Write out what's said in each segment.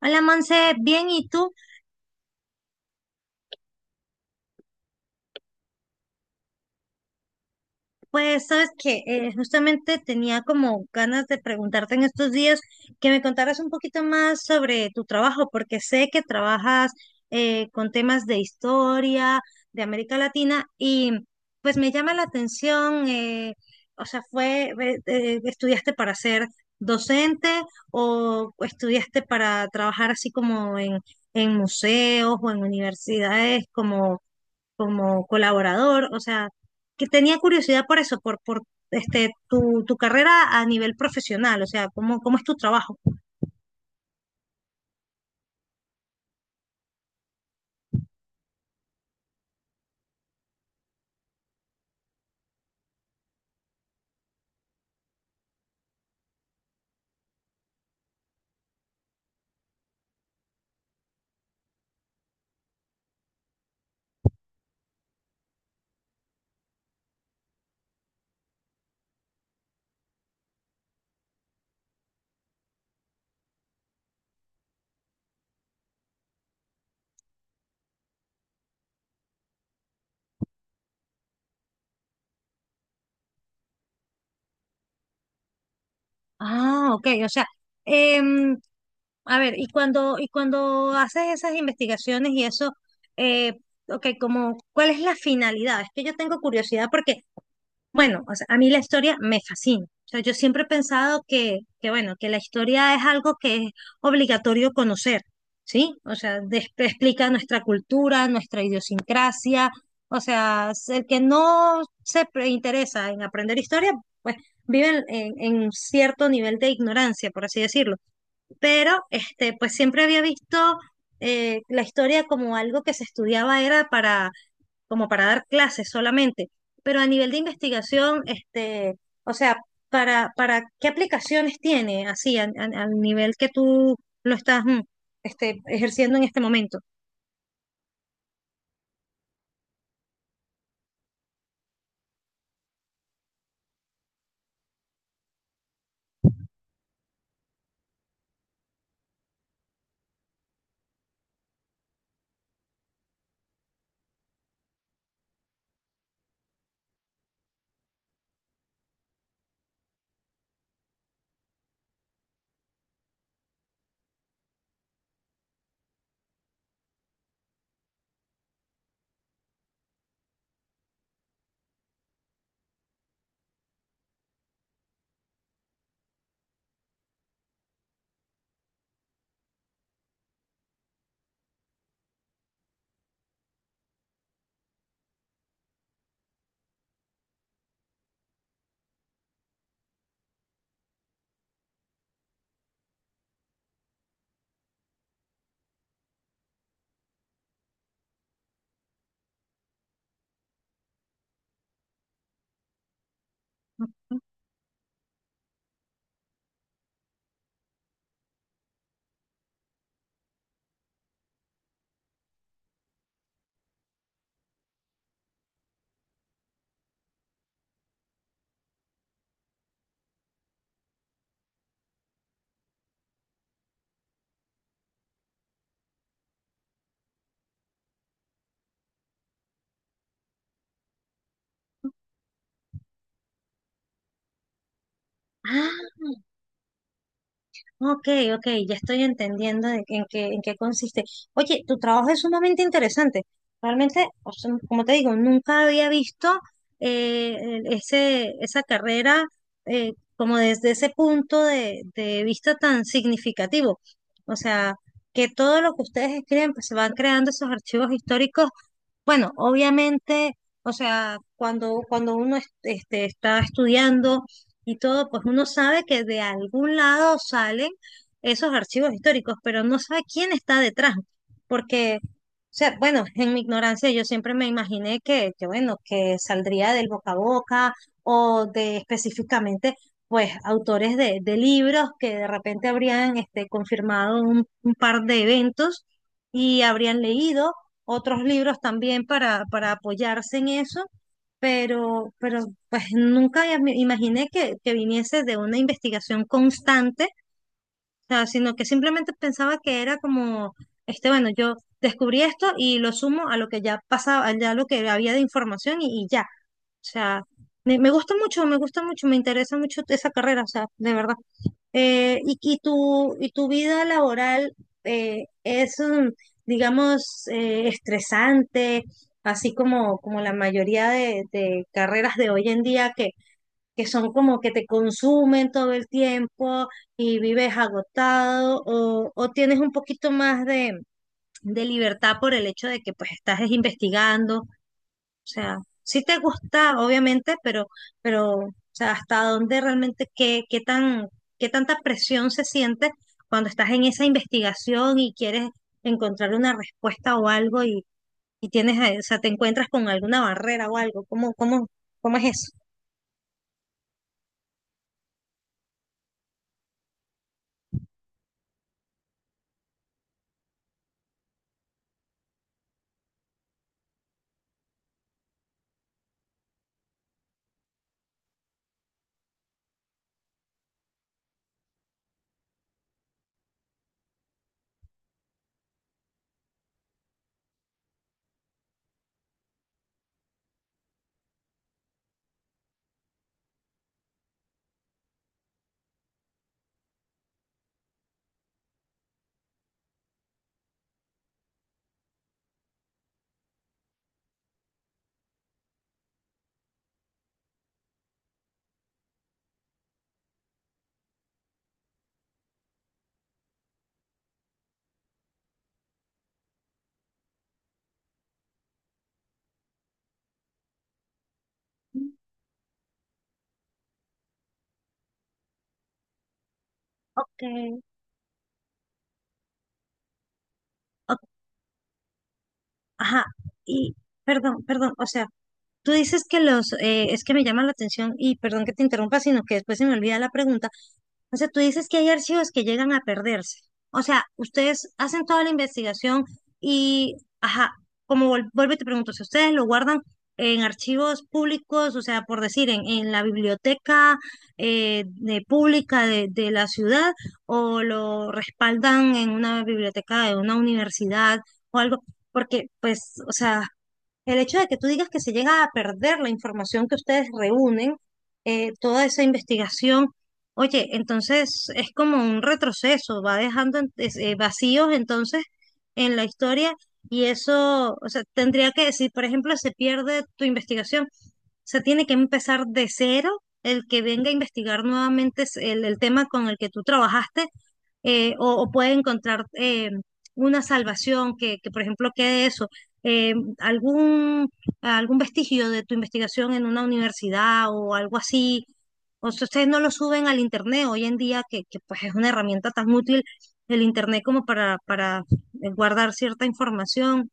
Hola Monse, bien, ¿y tú? Pues sabes que justamente tenía como ganas de preguntarte en estos días que me contaras un poquito más sobre tu trabajo, porque sé que trabajas con temas de historia, de América Latina, y pues me llama la atención, ¿estudiaste para ser docente o estudiaste para trabajar así como en museos o en universidades como colaborador? O sea, que tenía curiosidad por eso, por este, tu carrera a nivel profesional, o sea, cómo es tu trabajo. Ah, ok, o sea, em, a ver, y cuando haces esas investigaciones y eso, eh, ok, como, ¿cuál es la finalidad? Es que yo tengo curiosidad porque bueno, o sea, a mí la historia me fascina. O sea, yo siempre he pensado que bueno, que la historia es algo que es obligatorio conocer, ¿sí? O sea, explica nuestra cultura, nuestra idiosincrasia. O sea, el que no se interesa en aprender historia, pues vive en, en cierto nivel de ignorancia, por así decirlo. Pero, este, pues siempre había visto la historia como algo que se estudiaba era para como para dar clases solamente, pero a nivel de investigación, este, o sea, para qué aplicaciones tiene así al nivel que tú lo estás este, ejerciendo en este momento. Ah, ok, ok, ya estoy entendiendo en qué consiste. Oye, tu trabajo es sumamente interesante. Realmente, o sea, como te digo, nunca había visto esa carrera como desde ese punto de vista tan significativo. O sea, que todo lo que ustedes escriben, pues se van creando esos archivos históricos, bueno, obviamente, o sea, cuando, cuando uno este, está estudiando y todo, pues uno sabe que de algún lado salen esos archivos históricos, pero no sabe quién está detrás, porque, o sea, bueno, en mi ignorancia yo siempre me imaginé que bueno, que saldría del boca a boca o de específicamente, pues, autores de libros que de repente habrían este, confirmado un par de eventos y habrían leído otros libros también para apoyarse en eso, pero pues nunca ya me imaginé que viniese de una investigación constante, o sea, sino que simplemente pensaba que era como, este, bueno, yo descubrí esto y lo sumo a lo que ya pasaba, ya lo que había de información y ya, o sea, me gusta mucho, me gusta mucho, me interesa mucho esa carrera, o sea, de verdad. Y tu vida laboral es, digamos, estresante, así como, como la mayoría de carreras de hoy en día que son como que te consumen todo el tiempo y vives agotado o tienes un poquito más de libertad por el hecho de que pues estás investigando, o sea, sí te gusta, obviamente, pero, o sea, hasta dónde realmente, qué, qué tan, qué tanta presión se siente cuando estás en esa investigación y quieres encontrar una respuesta o algo y tienes, o sea, te encuentras con alguna barrera o algo. ¿Cómo, cómo, cómo es eso? Ok, o- ajá, y perdón, perdón, o sea, tú dices que los, es que me llama la atención, y perdón que te interrumpa, sino que después se me olvida la pregunta. O sea, tú dices que hay archivos que llegan a perderse. O sea, ustedes hacen toda la investigación y, ajá, como vuelvo y te pregunto, si ustedes lo guardan en archivos públicos, o sea, por decir, en la biblioteca de pública de la ciudad, o lo respaldan en una biblioteca de una universidad o algo, porque, pues, o sea... El hecho de que tú digas que se llega a perder la información que ustedes reúnen, toda esa investigación, oye, entonces es como un retroceso, va dejando vacíos entonces en la historia, y eso, o sea, tendría que, si por ejemplo se pierde tu investigación, se tiene que empezar de cero el que venga a investigar nuevamente es el tema con el que tú trabajaste, o puede encontrar una salvación que, por ejemplo, quede eso, eh, algún, algún vestigio de tu investigación en una universidad o algo así. O sea, ustedes no lo suben al internet hoy en día, que pues es una herramienta tan útil el internet como para guardar cierta información.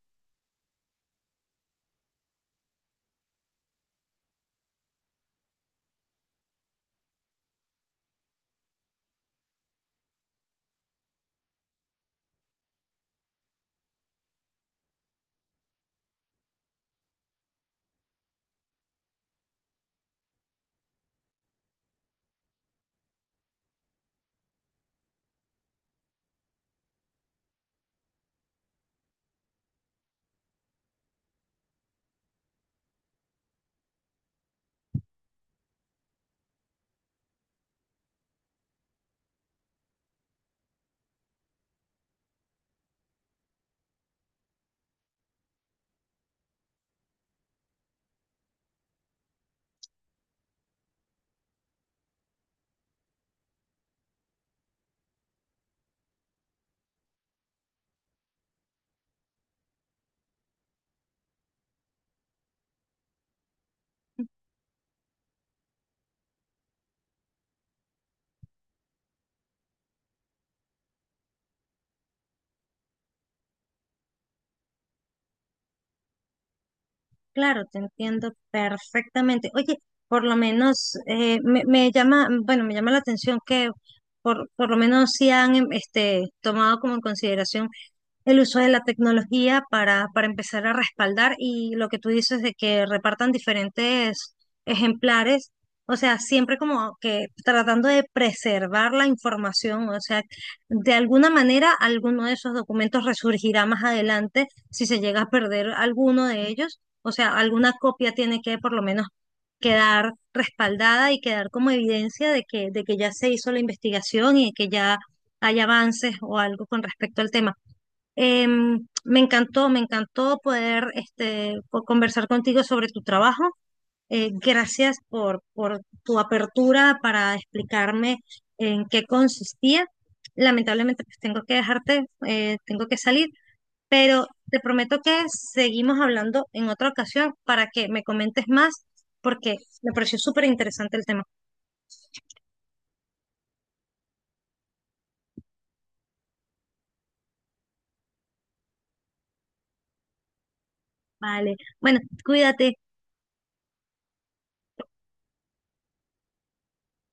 Claro, te entiendo perfectamente. Oye, por lo menos me llama, bueno, me llama la atención que por lo menos sí han este, tomado como en consideración el uso de la tecnología para empezar a respaldar y lo que tú dices de que repartan diferentes ejemplares, o sea, siempre como que tratando de preservar la información, o sea, de alguna manera alguno de esos documentos resurgirá más adelante si se llega a perder alguno de ellos, o sea, alguna copia tiene que por lo menos quedar respaldada y quedar como evidencia de que ya se hizo la investigación y de que ya hay avances o algo con respecto al tema. Me encantó, me encantó poder este, conversar contigo sobre tu trabajo. Gracias por tu apertura para explicarme en qué consistía. Lamentablemente, pues tengo que dejarte, tengo que salir, pero te prometo que seguimos hablando en otra ocasión para que me comentes más, porque me pareció súper interesante el tema. Vale, bueno, cuídate.